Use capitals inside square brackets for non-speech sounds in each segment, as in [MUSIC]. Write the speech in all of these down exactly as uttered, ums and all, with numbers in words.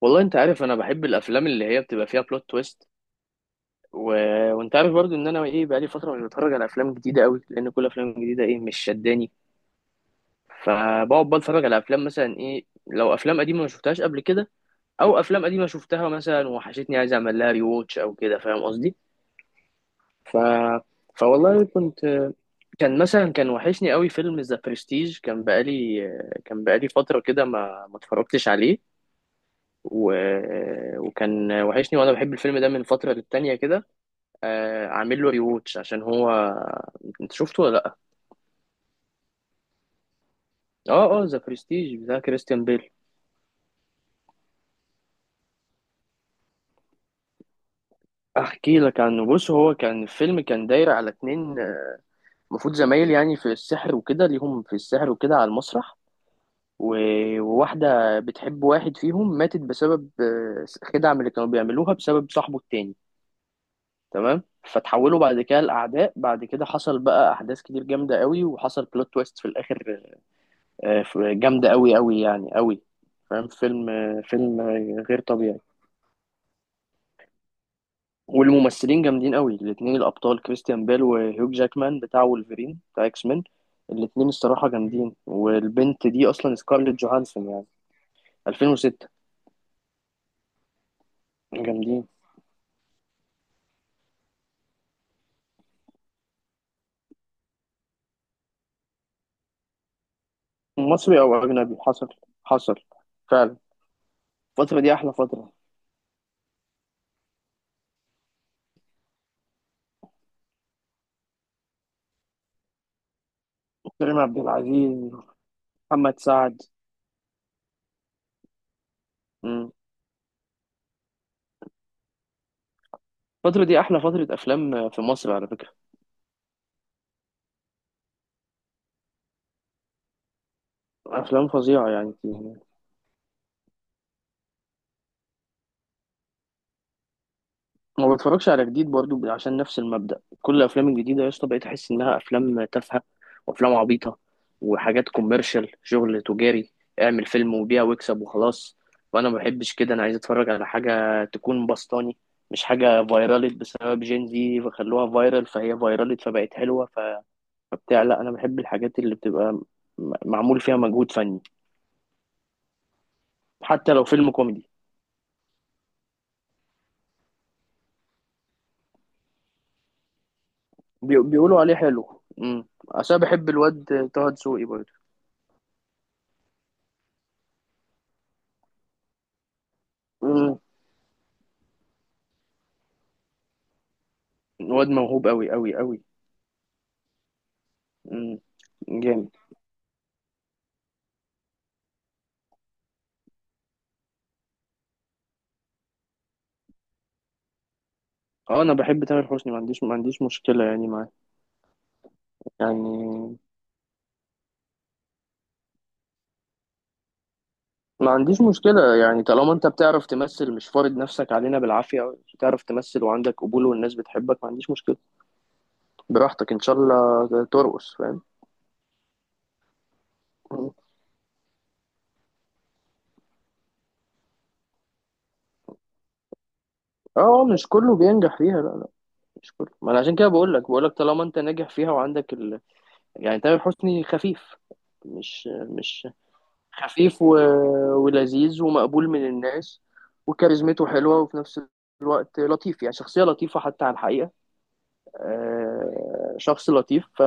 والله انت عارف انا بحب الافلام اللي هي بتبقى فيها بلوت تويست. و... وانت عارف برضو ان انا ايه بقالي فتره مش بتفرج على افلام جديده قوي، لان كل افلام جديده ايه مش شداني. فبقعد بقى اتفرج على افلام مثلا، ايه، لو افلام قديمه ما شفتهاش قبل كده، او افلام قديمه شفتها مثلا وحشتني عايز اعمل لها ري ووتش او كده، فاهم قصدي. ف فوالله كنت، كان مثلا كان وحشني قوي فيلم ذا برستيج. كان بقالي كان بقالي فتره كده ما ما اتفرجتش عليه. و... وكان وحشني، وانا بحب الفيلم ده من فتره للتانيه كده. آه، عامل له ريوتش عشان هو. انت شفته ولا لا؟ اه، اه، ذا برستيج بتاع كريستيان بيل. احكي لك عنه. بص، هو كان الفيلم كان داير على اتنين، آه، المفروض زمايل يعني في السحر وكده، ليهم في السحر وكده على المسرح. و- وواحدة بتحب واحد فيهم ماتت بسبب آه، خدعة من اللي كانوا بيعملوها بسبب صاحبه التاني. تمام. فتحولوا بعد كده لأعداء، بعد كده حصل بقى أحداث كتير جامدة قوي، وحصل بلوت تويست في الآخر. آه، ف- جامدة أوي أوي يعني أوي. فاهم؟ فيلم آه، فيلم آه، غير طبيعي. والممثلين جامدين أوي، الاتنين الأبطال كريستيان بيل وهيوك جاكمان بتاع وولفرين بتاع إكس مان. الاتنين الصراحة جامدين، والبنت دي أصلا سكارليت جوهانسون يعني. ألفين وستة. جامدين. مصري أو أجنبي، حصل حصل فعلا. الفترة دي أحلى فترة. كريم عبد العزيز، محمد سعد. مم. الفترة دي أحلى فترة أفلام في مصر على فكرة. أفلام فظيعة يعني. ما بتفرجش على جديد برضو، ب- عشان نفس المبدأ، كل الافلام الجديده يا اسطى بقيت احس انها افلام تافهه وافلام عبيطه وحاجات كوميرشال، شغل تجاري. اعمل فيلم وبيع واكسب وخلاص. وانا ما بحبش كده، انا عايز اتفرج على حاجه تكون بسطاني، مش حاجه فايرالت بسبب جين، زي فخلوها فايرال فهي فايرالت فبقت حلوه. ف... فبتاع، لا، انا بحب الحاجات اللي بتبقى م- معمول فيها مجهود فني. حتى لو فيلم كوميدي. بي... بيقولوا عليه حلو. امم عشان بحب الواد طه دسوقي برضه. واد موهوب قوي قوي قوي. امم. جامد. اه، انا بحب تامر حسني، ما عنديش ما عنديش مشكله يعني معاه. يعني ما عنديش مشكله يعني، طالما انت بتعرف تمثل، مش فارض نفسك علينا بالعافيه، بتعرف تمثل وعندك قبول والناس بتحبك، ما عنديش مشكله. براحتك، ان شاء الله ترقص، فاهم. مم. اه، مش كله بينجح فيها، لا، لا، مش كله. ما انا عشان كده بقول لك، بقول لك طالما انت ناجح فيها وعندك ال... يعني تامر حسني خفيف. مش مش خفيف و... ولذيذ ومقبول من الناس، وكاريزمته حلوة، وفي نفس الوقت لطيف. يعني شخصية لطيفة حتى على الحقيقة. آه، شخص لطيف. ف...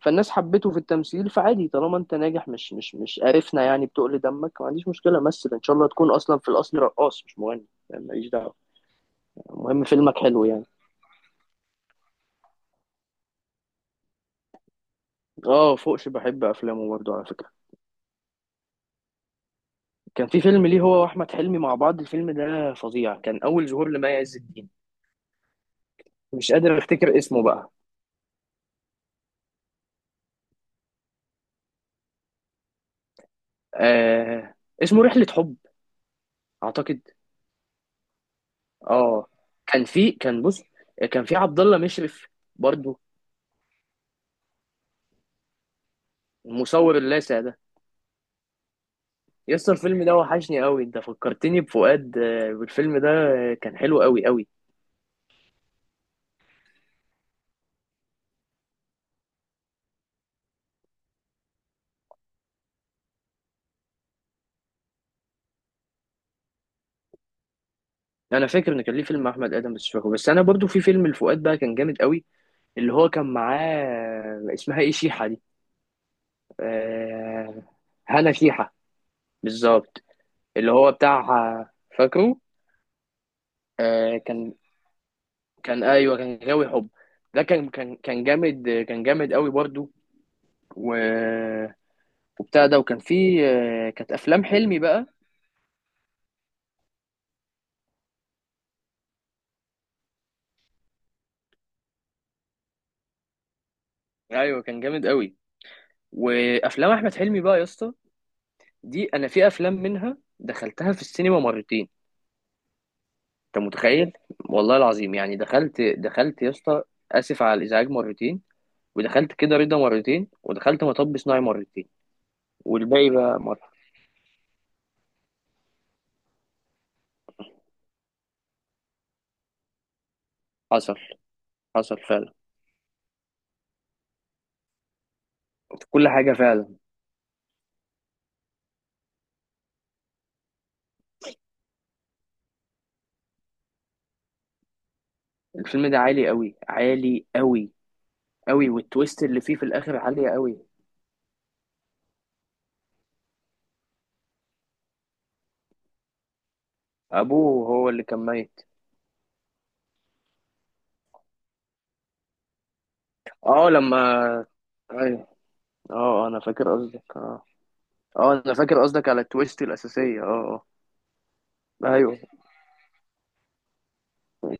فالناس حبته في التمثيل، فعادي، طالما انت ناجح، مش مش مش قرفنا يعني، بتقل دمك ما عنديش مشكلة مثل. ان شاء الله تكون اصلا في الاصل رقاص مش مغني، يعني ماليش دعوة. المهم فيلمك حلو يعني. اه، فوقش، بحب افلامه برضه على فكرة. كان في فيلم ليه هو واحمد حلمي مع بعض، الفيلم ده فظيع، كان اول ظهور لمي عز الدين. مش قادر افتكر اسمه بقى. آه، اسمه رحلة حب اعتقد. اه. كان في كان بص، كان في عبد الله مشرف برضو، المصور اللاذع ده. يسطا الفيلم ده وحشني قوي، انت فكرتني بفؤاد. آه، والفيلم ده آه، كان حلو قوي قوي. انا فاكر ان كان ليه فيلم مع احمد ادم بس مش فاكره. بس انا برضو في فيلم لفؤاد بقى كان جامد قوي، اللي هو كان معاه، آه، اسمها ايه شيحة دي؟ آه، هنا شيحة، بالظبط. اللي هو بتاع. فاكره. آه كان كان، ايوه، كان غاوي حب. ده كان كان كان جامد، كان جامد قوي برضو. و... وبتاع ده. وكان في آه، كانت افلام حلمي بقى. ايوه، كان جامد قوي. وافلام احمد حلمي بقى يا اسطى، دي انا في افلام منها دخلتها في السينما مرتين. انت متخيل؟ والله العظيم يعني، دخلت دخلت يا اسطى اسف على الازعاج مرتين، ودخلت كده رضا مرتين، ودخلت مطب صناعي مرتين. والباقي بقى مره. حصل حصل فعلا. كل حاجه فعلا. الفيلم ده عالي قوي، عالي قوي قوي. والتويست اللي فيه في الاخر عالية قوي. ابوه هو اللي كان ميت. اه، لما، ايوه، اه، انا فاكر قصدك، اه. اه، انا فاكر قصدك على التويست الاساسية، اه. اه، ايوه.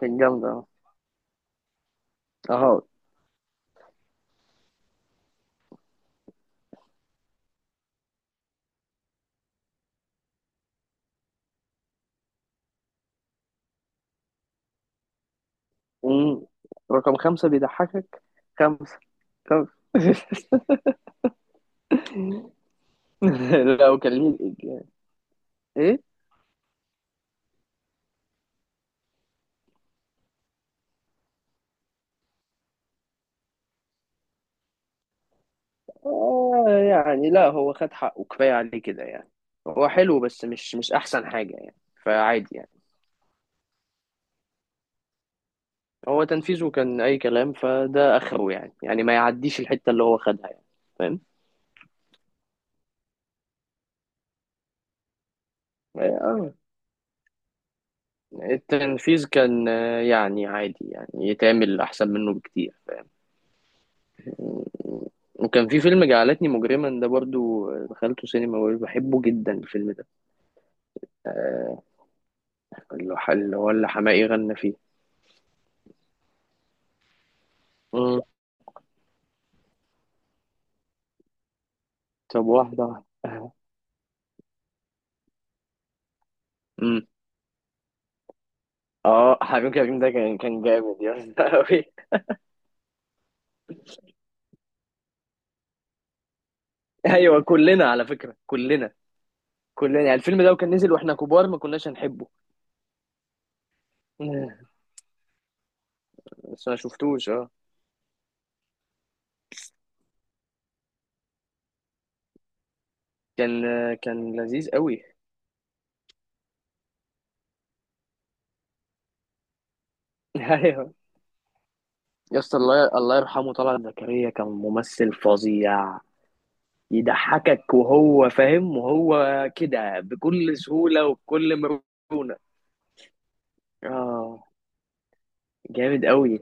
كان جامدة، اه. اه. أمم. رقم خمسة بيضحكك. خمسة. خمسة. [LAUGHS] لو كان ليه الإجابة. ايه. آه يعني، لا، هو خد حقه، كفاية عليه كده يعني. هو حلو بس مش مش احسن حاجة يعني. فعادي يعني. هو تنفيذه كان اي كلام، فده اخره يعني، يعني ما يعديش الحته اللي هو خدها يعني. فاهم. اه، التنفيذ كان آه، يعني عادي يعني، يتعمل احسن منه بكتير، فاهم. وكان في فيلم جعلتني مجرما ده برضو، آه، دخلته سينما وبحبه جدا الفيلم ده. آه، اللي ح- اللي هو اللي حماقي غنى فيه. مم. طب واحدة واحدة. مم. اه، حبيب كريم ده كان كان جامد يا اسطى أوي. [LAUGHS] ايوه كلنا على فكرة، كلنا. كلنا يعني الفيلم ده، وكان نزل واحنا كبار ما كناش هنحبه. [LAUGHS] بس ما شفتوش، اه. كان كان لذيذ قوي. [LAUGHS] ايوه، يا اسطى، الله الله يرحمه طلعت زكريا، كان ممثل فظيع. يضحكك وهو فاهم وهو كده بكل سهولة وبكل مرونة. اه جامد قوي.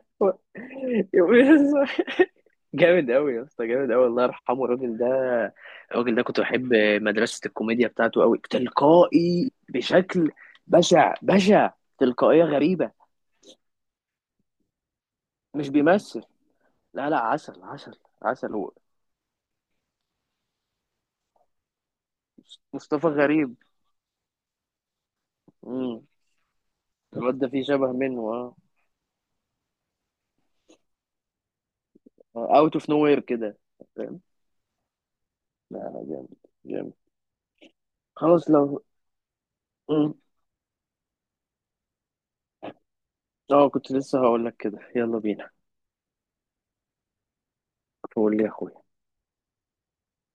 [LAUGHS] جامد قوي يا اسطى، جامد قوي، الله يرحمه الراجل ده. الراجل ده كنت بحب مدرسة الكوميديا بتاعته، قوي تلقائي، بشكل بشع بشع، تلقائية غريبة. مش بيمثل. لا، لا، عسل، عسل، عسل هو. مصطفى غريب. امم. الواد ده فيه شبه منه، اه. اوت اوف نو وير كده، فاهم. لا، لا، جامد. جامد. خلاص لو مم. اه، كنت لسه هقول لك كده، يلا بينا. قول لي يا اخويا.